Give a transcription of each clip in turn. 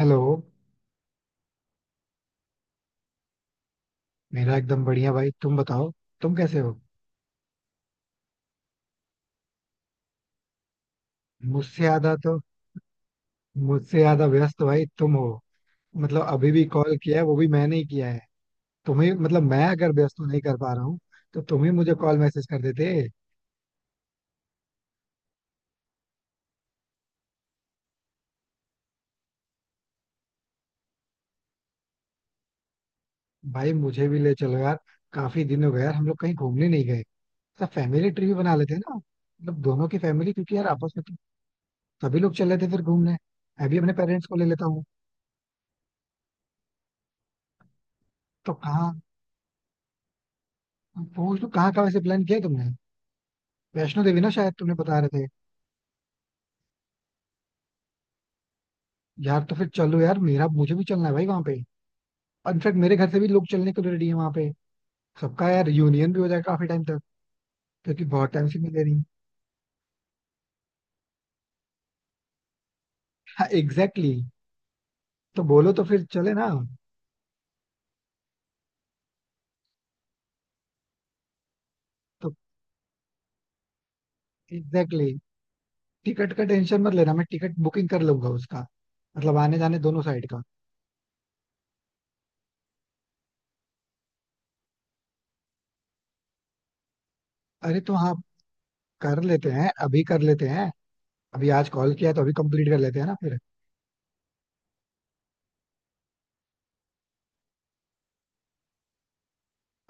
Hello. मेरा एकदम बढ़िया, भाई. तुम बताओ, तुम कैसे हो? मुझसे ज्यादा तो मुझसे ज्यादा व्यस्त भाई तुम हो. मतलब, अभी भी कॉल किया है वो भी मैंने ही किया है तुम्हें. मतलब, मैं अगर व्यस्त नहीं कर पा रहा हूँ तो तुम ही मुझे कॉल मैसेज कर देते. भाई मुझे भी ले चलो यार, काफी दिन हो गया यार, हम लोग कहीं घूमने नहीं गए. तो फैमिली ट्रिप बना लेते हैं ना, मतलब दोनों की फैमिली, क्योंकि यार आपस में तो सभी लोग चल रहे थे फिर घूमने. मैं भी अपने पेरेंट्स को ले लेता हूँ. तो कहाँ, पूछ लो कहाँ का वैसे प्लान किया है तुमने. वैष्णो देवी ना शायद, तुमने बता रहे थे. यार तो फिर चलो यार, मेरा मुझे भी चलना है भाई वहां पे. इनफैक्ट मेरे घर से भी लोग चलने को रेडी है वहां पे. सबका यार यूनियन भी हो जाएगा काफी टाइम तक, क्योंकि बहुत टाइम से मिले नहीं. हाँ एग्जैक्टली exactly. तो बोलो तो फिर चले ना. तो एग्जैक्टली exactly. टिकट का टेंशन मत लेना, मैं टिकट बुकिंग कर लूंगा उसका. मतलब आने जाने दोनों साइड का. अरे तो हाँ, कर लेते हैं अभी कर लेते हैं. अभी आज कॉल किया तो अभी कंप्लीट कर लेते हैं ना फिर.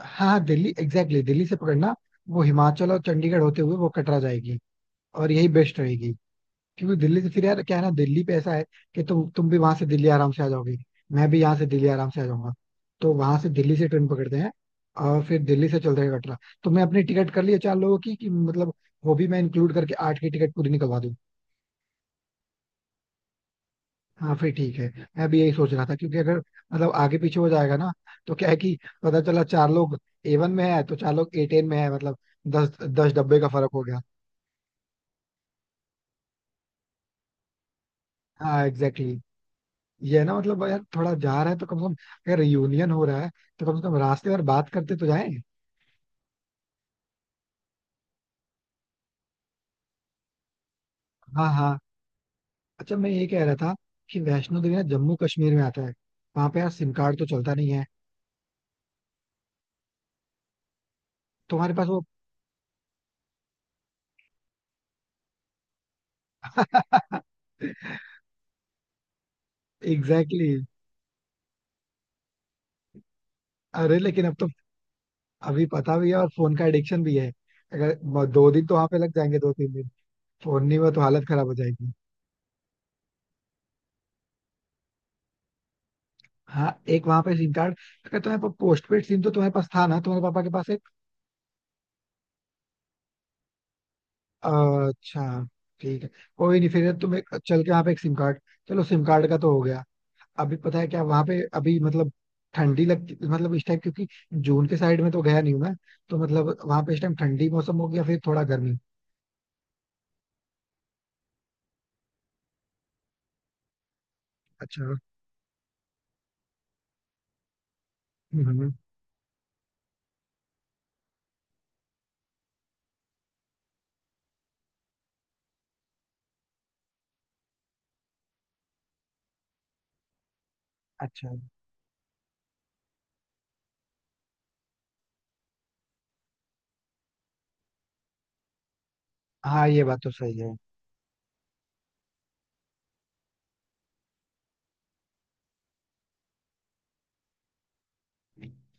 हाँ हाँ, दिल्ली एग्जैक्टली exactly, दिल्ली से पकड़ना. वो हिमाचल और चंडीगढ़ होते हुए वो कटरा जाएगी, और यही बेस्ट रहेगी. क्योंकि दिल्ली से फिर यार क्या है ना, दिल्ली पे ऐसा है कि तुम भी वहां से दिल्ली आराम से आ जाओगे. मैं भी यहाँ से दिल्ली आराम से आ जाऊंगा. तो वहां से दिल्ली से ट्रेन पकड़ते हैं, और फिर दिल्ली से चलते हैं कटरा. तो मैं अपनी टिकट कर लिया 4 लोगों की, कि मतलब वो भी मैं इंक्लूड करके 8 की टिकट पूरी निकलवा दूं. हाँ फिर ठीक है, मैं भी यही सोच रहा था. क्योंकि अगर मतलब आगे पीछे हो जाएगा ना, तो क्या है कि पता चला 4 लोग ए वन में है तो 4 लोग ए टेन में है, मतलब दस दस डब्बे का फर्क हो गया. हाँ एग्जैक्टली. ये है ना, मतलब यार थोड़ा जा रहा है तो कम से कम, अगर रियूनियन हो रहा है तो कम से कम रास्ते पर बात करते तो जाएं. हाँ हाँ. अच्छा मैं ये कह रहा था कि वैष्णो देवी ना जम्मू कश्मीर में आता है, वहां पे यार सिम कार्ड तो चलता नहीं है. तुम्हारे पास वो एग्जैक्टली exactly. अरे लेकिन अब तो, अभी पता भी है और फोन का एडिक्शन भी है. अगर 2 दिन तो वहां पे लग जाएंगे, 2-3 दिन फोन नहीं हुआ तो हालत खराब हो जाएगी. हाँ एक वहां पे सिम कार्ड. अगर तुम्हारे पास पोस्ट पेड सिम तो तुम्हारे पास था ना, तुम्हारे पापा के पास. अच्छा ठीक है. कोई नहीं, फिर तुम एक चल के वहाँ पे एक सिम कार्ड. चलो सिम कार्ड का तो हो गया. अभी पता है क्या वहाँ पे अभी, मतलब ठंडी लगती मतलब इस टाइम, क्योंकि जून के साइड में तो गया नहीं हूँ मैं. तो मतलब वहाँ पे इस टाइम ठंडी मौसम हो गया फिर थोड़ा गर्मी. अच्छा. हम्म. अच्छा. हाँ ये बात तो सही है.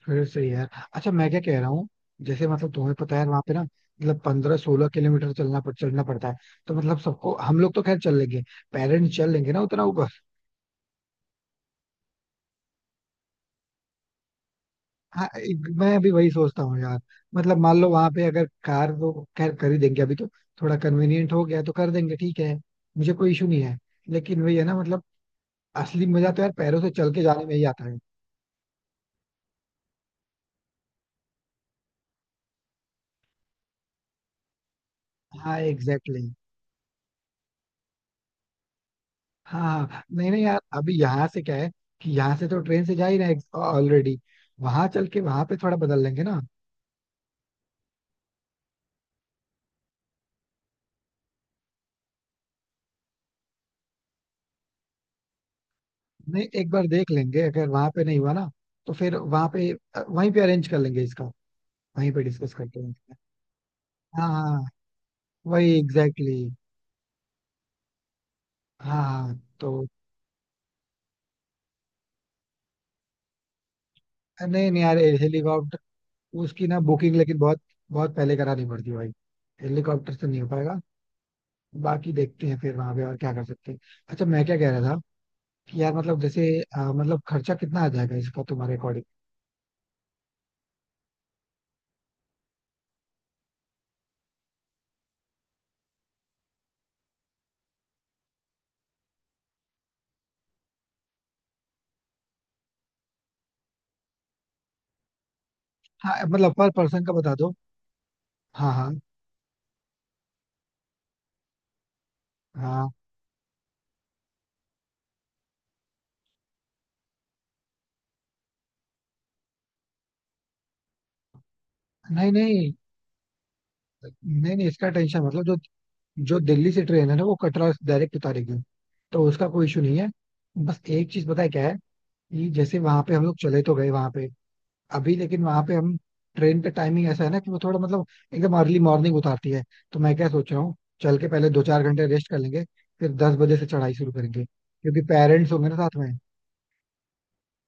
फिर सही है. अच्छा मैं क्या कह रहा हूँ जैसे मतलब तुम्हें पता है वहाँ पे ना, मतलब 15-16 किलोमीटर चलना पड़ता है. तो मतलब सबको, हम लोग तो खैर चल लेंगे. पेरेंट्स चल लेंगे ना उतना? हाँ, मैं भी वही सोचता हूँ यार. मतलब मान लो वहां पे अगर कार वो खैर कर ही देंगे अभी, तो थोड़ा कन्वीनियंट हो गया तो कर देंगे, ठीक है, मुझे कोई इशू नहीं है. लेकिन वही है ना मतलब, असली मजा तो यार पैरों से चल के जाने में ही आता है. हाँ एग्जैक्टली exactly. हाँ हाँ. नहीं नहीं यार, अभी यहाँ से क्या है कि यहाँ से तो ट्रेन से जा ही रहे ऑलरेडी. वहां चल के वहां पे थोड़ा बदल लेंगे ना. नहीं एक बार देख लेंगे, अगर वहां पे नहीं हुआ ना, तो फिर वहां पे, वहीं पे अरेंज कर लेंगे इसका, वहीं पे डिस्कस करके. हाँ हाँ वही एग्जैक्टली. हाँ तो, नहीं नहीं यार हेलीकॉप्टर, उसकी ना बुकिंग लेकिन बहुत बहुत पहले करानी पड़ती है भाई. हेलीकॉप्टर से नहीं हो पाएगा. बाकी देखते हैं फिर वहां पे और क्या कर सकते हैं. अच्छा मैं क्या कह रहा था कि यार मतलब जैसे मतलब खर्चा कितना आ जाएगा इसका तुम्हारे अकॉर्डिंग? हाँ मतलब पर पर्सन का बता दो. हाँ हाँ. हाँ. नहीं नहीं. नहीं नहीं इसका टेंशन मतलब, जो जो दिल्ली से ट्रेन है ना वो कटरा डायरेक्ट उतारेगी, तो उसका कोई इशू नहीं है. बस एक चीज पता है क्या है, कि जैसे वहां पे हम लोग चले तो गए वहां पे. अभी लेकिन वहां पे हम, ट्रेन का टाइमिंग ऐसा है ना कि वो थोड़ा मतलब एकदम अर्ली मॉर्निंग उतारती है. तो मैं क्या सोच रहा हूँ, चल के पहले 2-4 घंटे रेस्ट कर लेंगे, फिर 10 बजे से चढ़ाई शुरू करेंगे क्योंकि पेरेंट्स होंगे ना साथ में.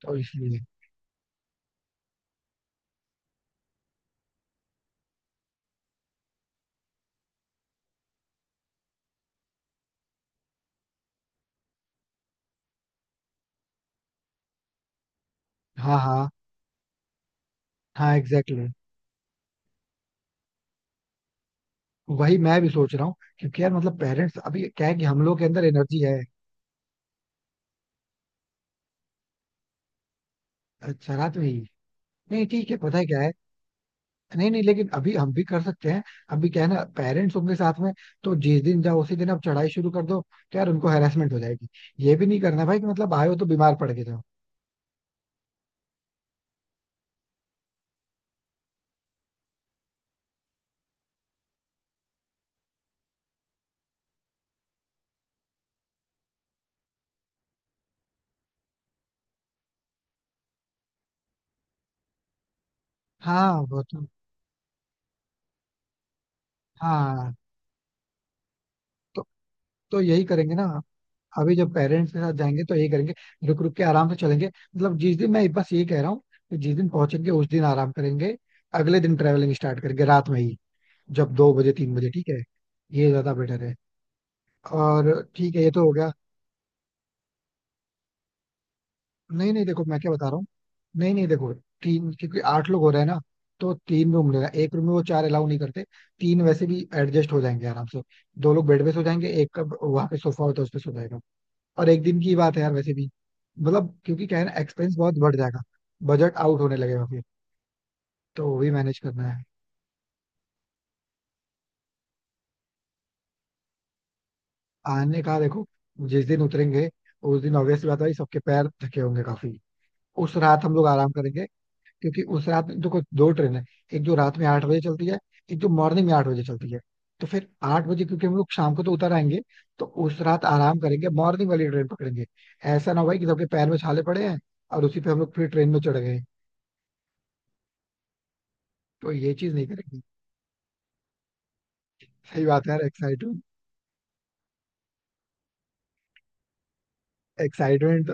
तो इसलिए. हाँ हाँ. हाँ एग्जैक्टली exactly. वही मैं भी सोच रहा हूँ, क्योंकि यार मतलब पेरेंट्स, अभी क्या है कि हम लोग के अंदर एनर्जी है. अच्छा, रात में ही? नहीं ठीक है, पता है क्या है. नहीं नहीं, लेकिन अभी हम भी कर सकते हैं. अभी क्या है ना, पेरेंट्स होंगे साथ में, तो जिस दिन जाओ उसी दिन आप चढ़ाई शुरू कर दो तो यार उनको हेरासमेंट हो जाएगी. ये भी नहीं करना भाई कि मतलब आए हो तो बीमार पड़ के जाओ. हाँ वो तो. हाँ तो तो यही करेंगे ना. अभी जब पेरेंट्स के साथ जाएंगे तो यही करेंगे. रुक रुक के आराम से चलेंगे. मतलब जिस दिन, मैं बस ये कह रहा हूँ कि जिस दिन पहुंचेंगे उस दिन आराम करेंगे. अगले दिन ट्रेवलिंग स्टार्ट करेंगे रात में ही, जब 2 बजे 3 बजे, ठीक है. ये ज्यादा बेटर है. और ठीक है, ये तो हो गया. नहीं नहीं देखो मैं क्या बता रहा हूँ. नहीं नहीं देखो, तीन, क्योंकि 8 लोग हो रहे हैं ना, तो 3 रूम लेना. एक रूम में वो चार अलाउ नहीं करते. तीन वैसे भी एडजस्ट हो जाएंगे आराम से. 2 लोग बेड पे सो जाएंगे, एक का वहां पे सोफा होता है उस पे सो जाएगा. और एक दिन की बात है यार वैसे भी. मतलब, क्योंकि क्या है ना, एक्सपेंस बहुत बढ़ जाएगा, बजट आउट होने लगेगा फिर, तो वो भी मैनेज करना है. आने का देखो, जिस दिन उतरेंगे उस दिन ऑब्वियसली बात है सबके पैर थके होंगे काफी. उस रात हम लोग आराम करेंगे, क्योंकि उस रात में देखो 2 ट्रेन है. एक जो रात में 8 बजे चलती है, एक जो मॉर्निंग में 8 बजे चलती है. तो फिर 8 बजे, क्योंकि हम लोग शाम को तो उतर आएंगे, तो उस रात आराम करेंगे, मॉर्निंग वाली ट्रेन पकड़ेंगे. ऐसा ना हो भाई कि सबके पैर में छाले पड़े हैं और उसी पे हम लोग फिर ट्रेन में चढ़ गए. तो ये चीज नहीं करेंगे. सही बात है यार, एक्साइटमेंट. Excitement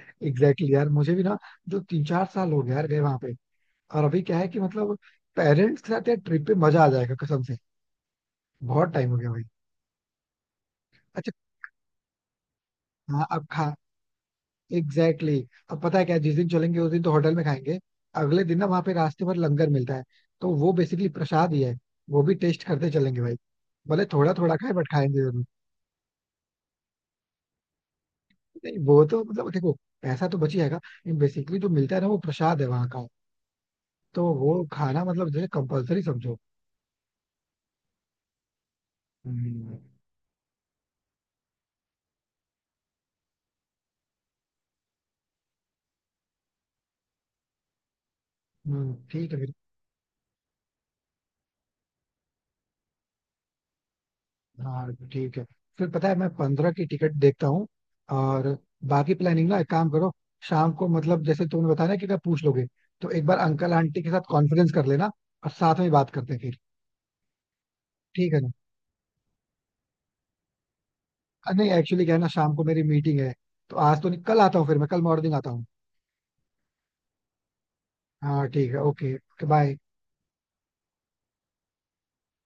exactly exactly. यार मुझे भी ना, जो 3-4 साल हो गया यार गए वहां पे. और अभी क्या है कि मतलब, पेरेंट्स के साथ यार ट्रिप पे मजा आ जाएगा कसम से. बहुत टाइम हो गया भाई. अच्छा. हाँ अब खा एग्जैक्टली exactly. अब पता है क्या, जिस दिन चलेंगे उस दिन तो होटल में खाएंगे. अगले दिन ना वहाँ पे रास्ते भर लंगर मिलता है, तो वो बेसिकली प्रसाद ही है. वो भी टेस्ट करते चलेंगे भाई, भले थोड़ा थोड़ा खाए बट खाएंगे जरूर. नहीं वो तो मतलब देखो, पैसा तो बच ही जाएगा. बेसिकली जो मिलता है ना वो प्रसाद है वहाँ का, तो वो खाना मतलब जैसे कंपलसरी समझो. हम्म. ठीक है फिर. हाँ ठीक है. फिर पता है, मैं 15 की टिकट देखता हूँ. और बाकी प्लानिंग ना, एक काम करो. शाम को, मतलब जैसे तुमने बताया ना कि अगर पूछ लोगे, तो एक बार अंकल आंटी के साथ कॉन्फ्रेंस कर लेना, और साथ में बात करते हैं फिर. ठीक है ना? नहीं एक्चुअली क्या है ना, शाम को मेरी मीटिंग है. तो आज तो नहीं, कल आता हूँ. फिर मैं कल मॉर्निंग आता हूँ. हाँ ठीक है. Okay, bye.